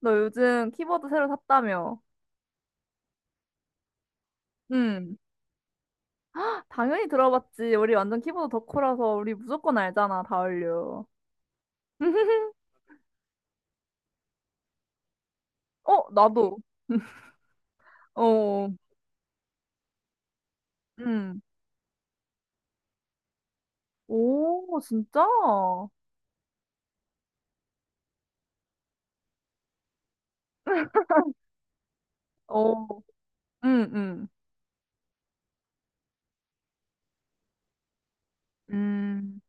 너 요즘 키보드 새로 샀다며? 응. 당연히 들어봤지. 우리 완전 키보드 덕후라서 우리 무조건 알잖아, 다을류. 어, 나도. 어, 응, 오, 진짜? 어, 응, 응. 음,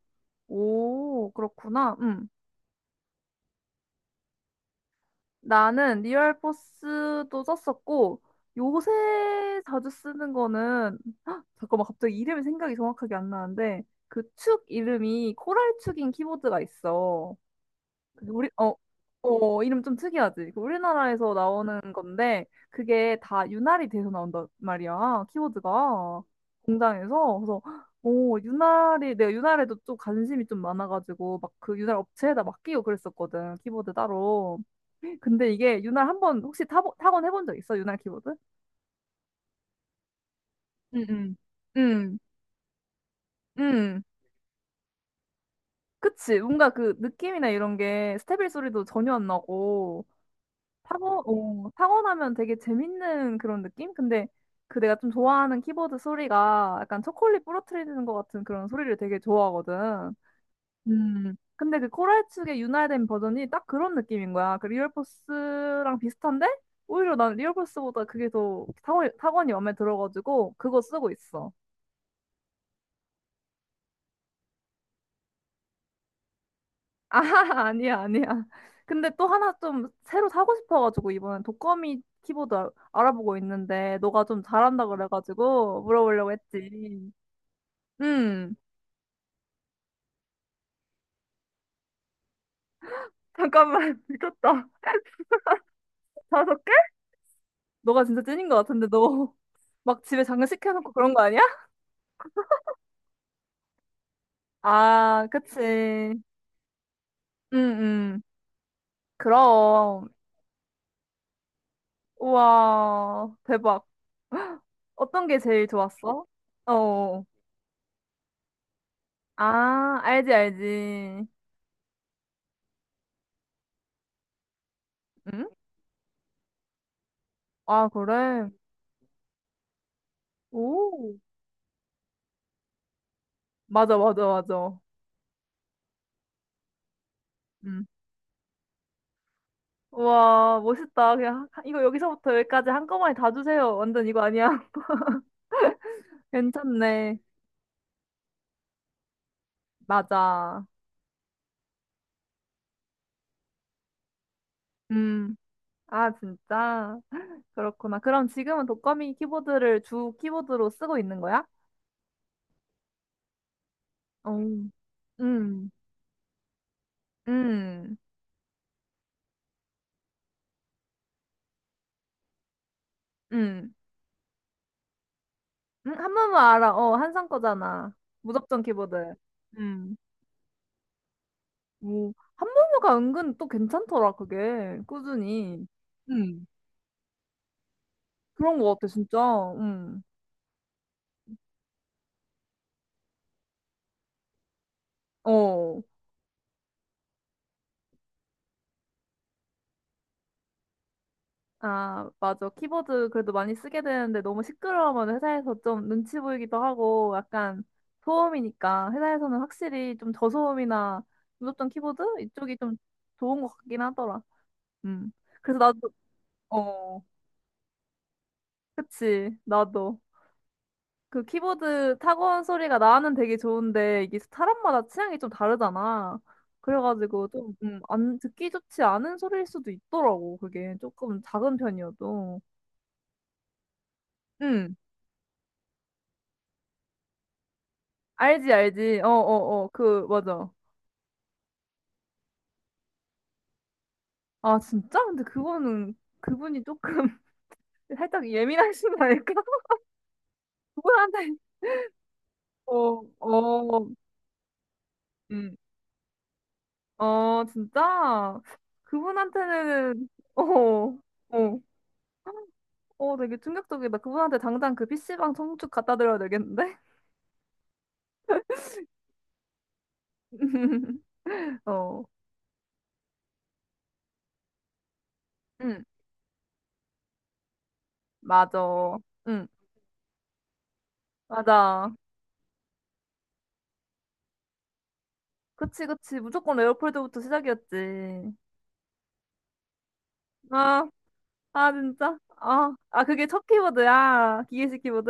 오, 그렇구나. 응. 나는 리얼포스도 썼었고 요새 자주 쓰는 거는 헉, 잠깐만 갑자기 이름이 생각이 정확하게 안 나는데 그 축 이름이 코랄 축인 키보드가 있어. 우리 어, 어 이름 좀 특이하지? 그 우리나라에서 나오는 건데 그게 다유활이 돼서 나온단 말이야 키워드가 공장에서 그래서 오 유날이 내가 유활에도 좀 관심이 좀 많아가지고 막 그 유날 업체에다 맡기고 그랬었거든 키보드 따로. 근데 이게 유활한번 혹시 타건 해본 적 있어 유활 키보드? 응응. 응, 응응. 그치. 뭔가 그 느낌이나 이런 게 스테빌 소리도 전혀 안 나고, 타고, 어, 타고 나면 되게 재밌는 그런 느낌? 근데 그 내가 좀 좋아하는 키보드 소리가 약간 초콜릿 부러뜨리는 것 같은 그런 소리를 되게 좋아하거든. 음. 근데 그 코랄축의 윤활된 버전이 딱 그런 느낌인 거야. 그 리얼포스랑 비슷한데? 오히려 난 리얼포스보다 그게 더 타고, 타원이 마음에 들어가지고 그거 쓰고 있어. 아, 아니야, 아니야. 근데 또 하나 좀 새로 사고 싶어가지고 이번엔 독거미 키보드 알아보고 있는데 너가 좀 잘한다 그래가지고 물어보려고 했지. 음, 잠깐만, 미쳤다. 다섯 개? 너가 진짜 찐인 것 같은데 너 막 집에 장식해놓고 그런 거 아니야? 아, 그치. 응, 응. 그럼. 우와, 대박. 어떤 게 제일 좋았어? 어. 어. 아, 알지, 알지. 응? 아, 그래. 오. 맞아, 맞아, 맞아. 음. 우와, 멋있다. 그냥 이거 여기서부터 여기까지 한꺼번에 다 주세요. 완전 이거 아니야? 괜찮네. 맞아. 음. 아, 진짜? 그렇구나. 그럼 지금은 독거미 키보드를 주 키보드로 쓰고 있는 거야? 어. 음. 음. 음. 한무무 알아. 어, 한상 거잖아. 무접점 키보드. 음. 오, 한무무가 은근 또 괜찮더라, 그게. 꾸준히. 그런 것 같아, 진짜. 음. 어. 아, 맞아. 키보드 그래도 많이 쓰게 되는데 너무 시끄러우면 회사에서 좀 눈치 보이기도 하고 약간 소음이니까 회사에서는 확실히 좀 저소음이나 무접점 키보드? 이쪽이 좀 좋은 것 같긴 하더라. 음. 그래서 나도, 어, 그치. 나도. 그 키보드 타건 소리가 나는 되게 좋은데 이게 사람마다 취향이 좀 다르잖아. 그래가지고 좀, 안, 듣기 좋지 않은 소리일 수도 있더라고. 그게 조금 작은 편이어도. 응, 알지, 알지. 어, 어, 어, 그, 맞아. 아, 진짜? 근데 그거는 그분이 조금 살짝 예민하신 거 아닐까? 그분한테, 어, 어, 음, 어, 진짜? 그분한테는, 어, 어. 어, 되게 충격적이다. 그분한테 당장 그 PC방 청축 갖다 드려야 되겠는데? 어, 응, 맞아. 응, 맞아. 그치, 그치. 무조건 레오폴드부터 시작이었지. 아, 아, 진짜? 아, 아, 그게 첫 키보드야. 기계식 키보드.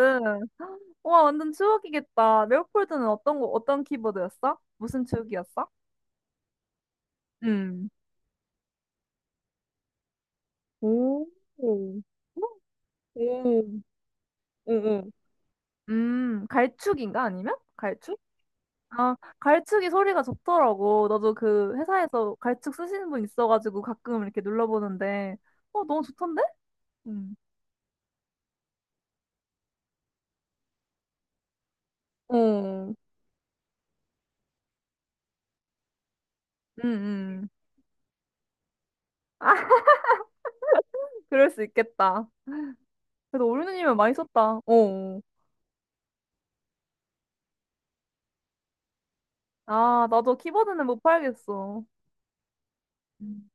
와, 완전 추억이겠다. 레오폴드는 어떤 거, 어떤 키보드였어? 무슨 축이었어? 음. 오, 오, 오, 오, 오. 갈축인가? 아니면? 갈축? 아, 갈축이 소리가 좋더라고. 나도 그 회사에서 갈축 쓰시는 분 있어가지고 가끔 이렇게 눌러보는데, 어, 너무 좋던데? 음. 어, 음. 아, 그럴 수 있겠다. 그래도 오리누님은 많이 썼다. 어. 아, 나도 키보드는 못 팔겠어. 음.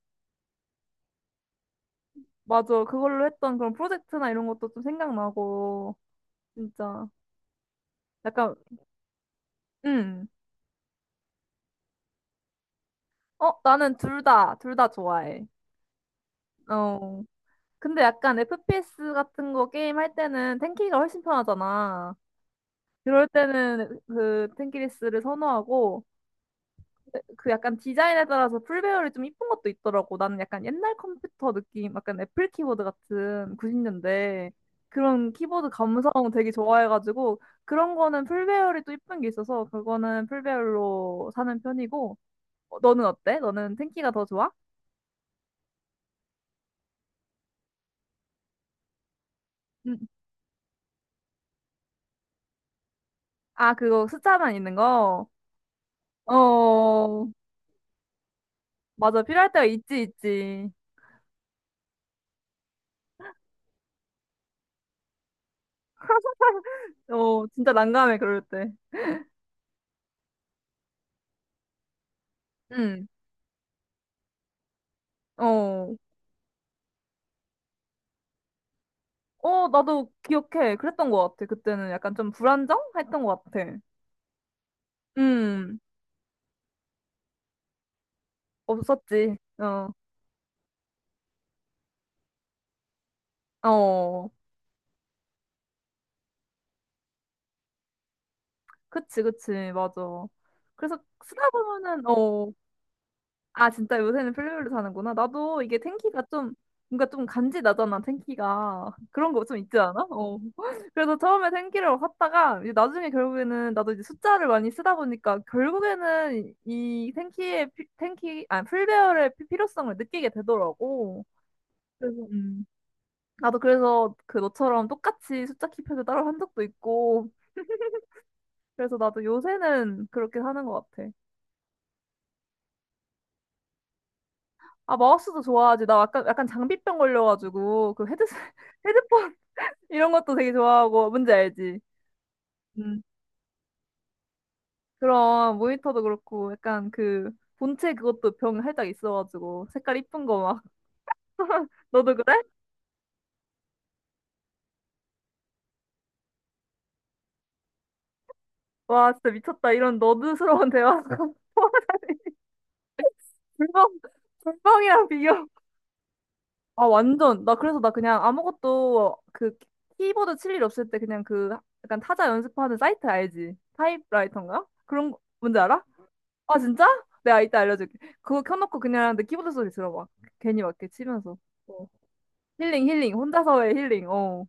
맞아. 그걸로 했던 그런 프로젝트나 이런 것도 좀 생각나고, 진짜. 약간, 음. 어, 나는 둘 다, 둘 다 좋아해. 어. 근데 약간 FPS 같은 거 게임 할 때는 탱키가 훨씬 편하잖아. 그럴 때는 그 탱키리스를 선호하고 그 약간 디자인에 따라서 풀배열이 좀 이쁜 것도 있더라고. 나는 약간 옛날 컴퓨터 느낌, 약간 애플 키보드 같은 90년대 그런 키보드 감성 되게 좋아해가지고 그런 거는 풀배열이 또 이쁜 게 있어서 그거는 풀배열로 사는 편이고 어, 너는 어때? 너는 탱키가 더 좋아? 음. 아, 그거 숫자만 있는 거? 어, 맞아. 필요할 때가 있지, 있지. 어, 진짜 난감해, 그럴 때. 응. 어. 어, 나도 기억해. 그랬던 것 같아. 그때는 약간 좀 불안정? 했던 것 같아. 음. 없었지. 어. 어. 그치, 그치. 맞아. 그래서 쓰다 보면은, 어. 아, 진짜 요새는 플레이어로 사는구나. 나도 이게 텐키가 좀, 뭔가 좀 간지 나잖아, 텐키가. 그런 거 좀 있지 않아? 어. 그래서 처음에 텐키를 샀다가, 이제 나중에 결국에는, 나도 이제 숫자를 많이 쓰다 보니까, 결국에는 이 텐키의, 피- 텐키, 아니, 풀배열의 필요성을 느끼게 되더라고. 그래서, 나도 그래서 그 너처럼 똑같이 숫자 키패드 따로 한 적도 있고, 그래서 나도 요새는 그렇게 사는 것 같아. 아, 마우스도 좋아하지. 나 약간, 약간 장비병 걸려가지고, 그 헤드셋, 헤드폰 이런 것도 되게 좋아하고 뭔지 알지? 음. 그런 모니터도 그렇고 약간 그 본체 그것도 병 살짝 있어가지고 색깔 이쁜 거 막 너도 그래? 와 진짜 미쳤다, 이런 너드스러운 대화. 불멍. 불멍이랑 비교. 아 완전. 나 그래서 나 그냥 아무것도 그 키보드 칠 일 없을 때 그냥 그 약간 타자 연습하는 사이트 알지? 타입라이터인가? 그런 거 뭔지 알아? 아 진짜? 내가 이따 알려줄게. 그거 켜놓고 그냥 내 키보드 소리 들어봐. 괜히 막 이렇게 치면서 힐링, 힐링. 혼자서의 힐링. 어.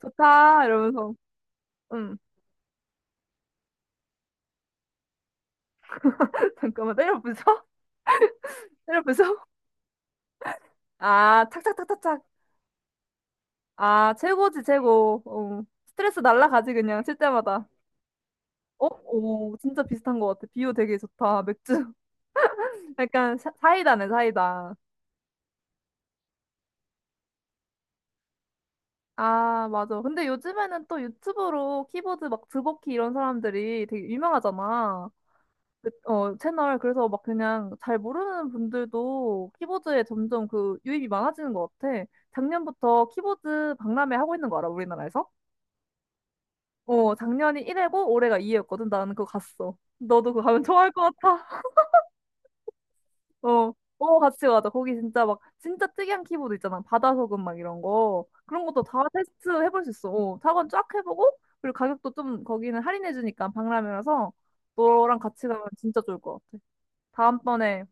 좋다. 이러면서. 응. 잠깐만, 때려 부셔. 때려 부셔. 아, 착착착착착. 아, 최고지, 최고. 어. 스트레스 날라가지, 그냥, 칠 때마다. 어? 오, 진짜 비슷한 것 같아. 비유 되게 좋다. 맥주. 약간 사이다네, 사이다. 아, 맞아. 근데 요즘에는 또 유튜브로 키보드 막 드버키 이런 사람들이 되게 유명하잖아. 그, 어, 채널. 그래서 막 그냥 잘 모르는 분들도 키보드에 점점 그 유입이 많아지는 것 같아. 작년부터 키보드 박람회 하고 있는 거 알아, 우리나라에서? 어, 작년이 1회고 올해가 2회였거든. 나는 그거 갔어. 너도 그거 가면 좋아할 것 같아. 어, 어, 같이 가자. 거기 진짜 막, 진짜 특이한 키보드 있잖아. 바다 소금 막 이런 거. 그런 것도 다 테스트 해볼 수 있어. 어, 타건 쫙 해보고, 그리고 가격도 좀 거기는 할인해주니까 박람회라서 너랑 같이 가면 진짜 좋을 것 같아. 다음번에.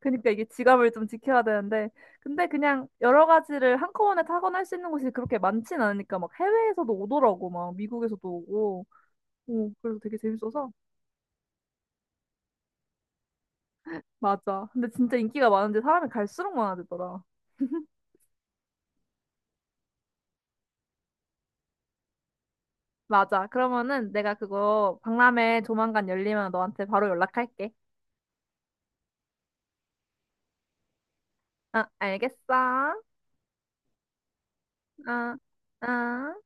그러니까 이게 지갑을 좀 지켜야 되는데 근데 그냥 여러 가지를 한꺼번에 타건할 수 있는 곳이 그렇게 많진 않으니까 막 해외에서도 오더라고. 막 미국에서도 오고. 오 그래서 되게 재밌어서. 맞아. 근데 진짜 인기가 많은데 사람이 갈수록 많아지더라. 맞아. 그러면은 내가 그거 박람회 조만간 열리면 너한테 바로 연락할게. 아 알겠어. 아. 아.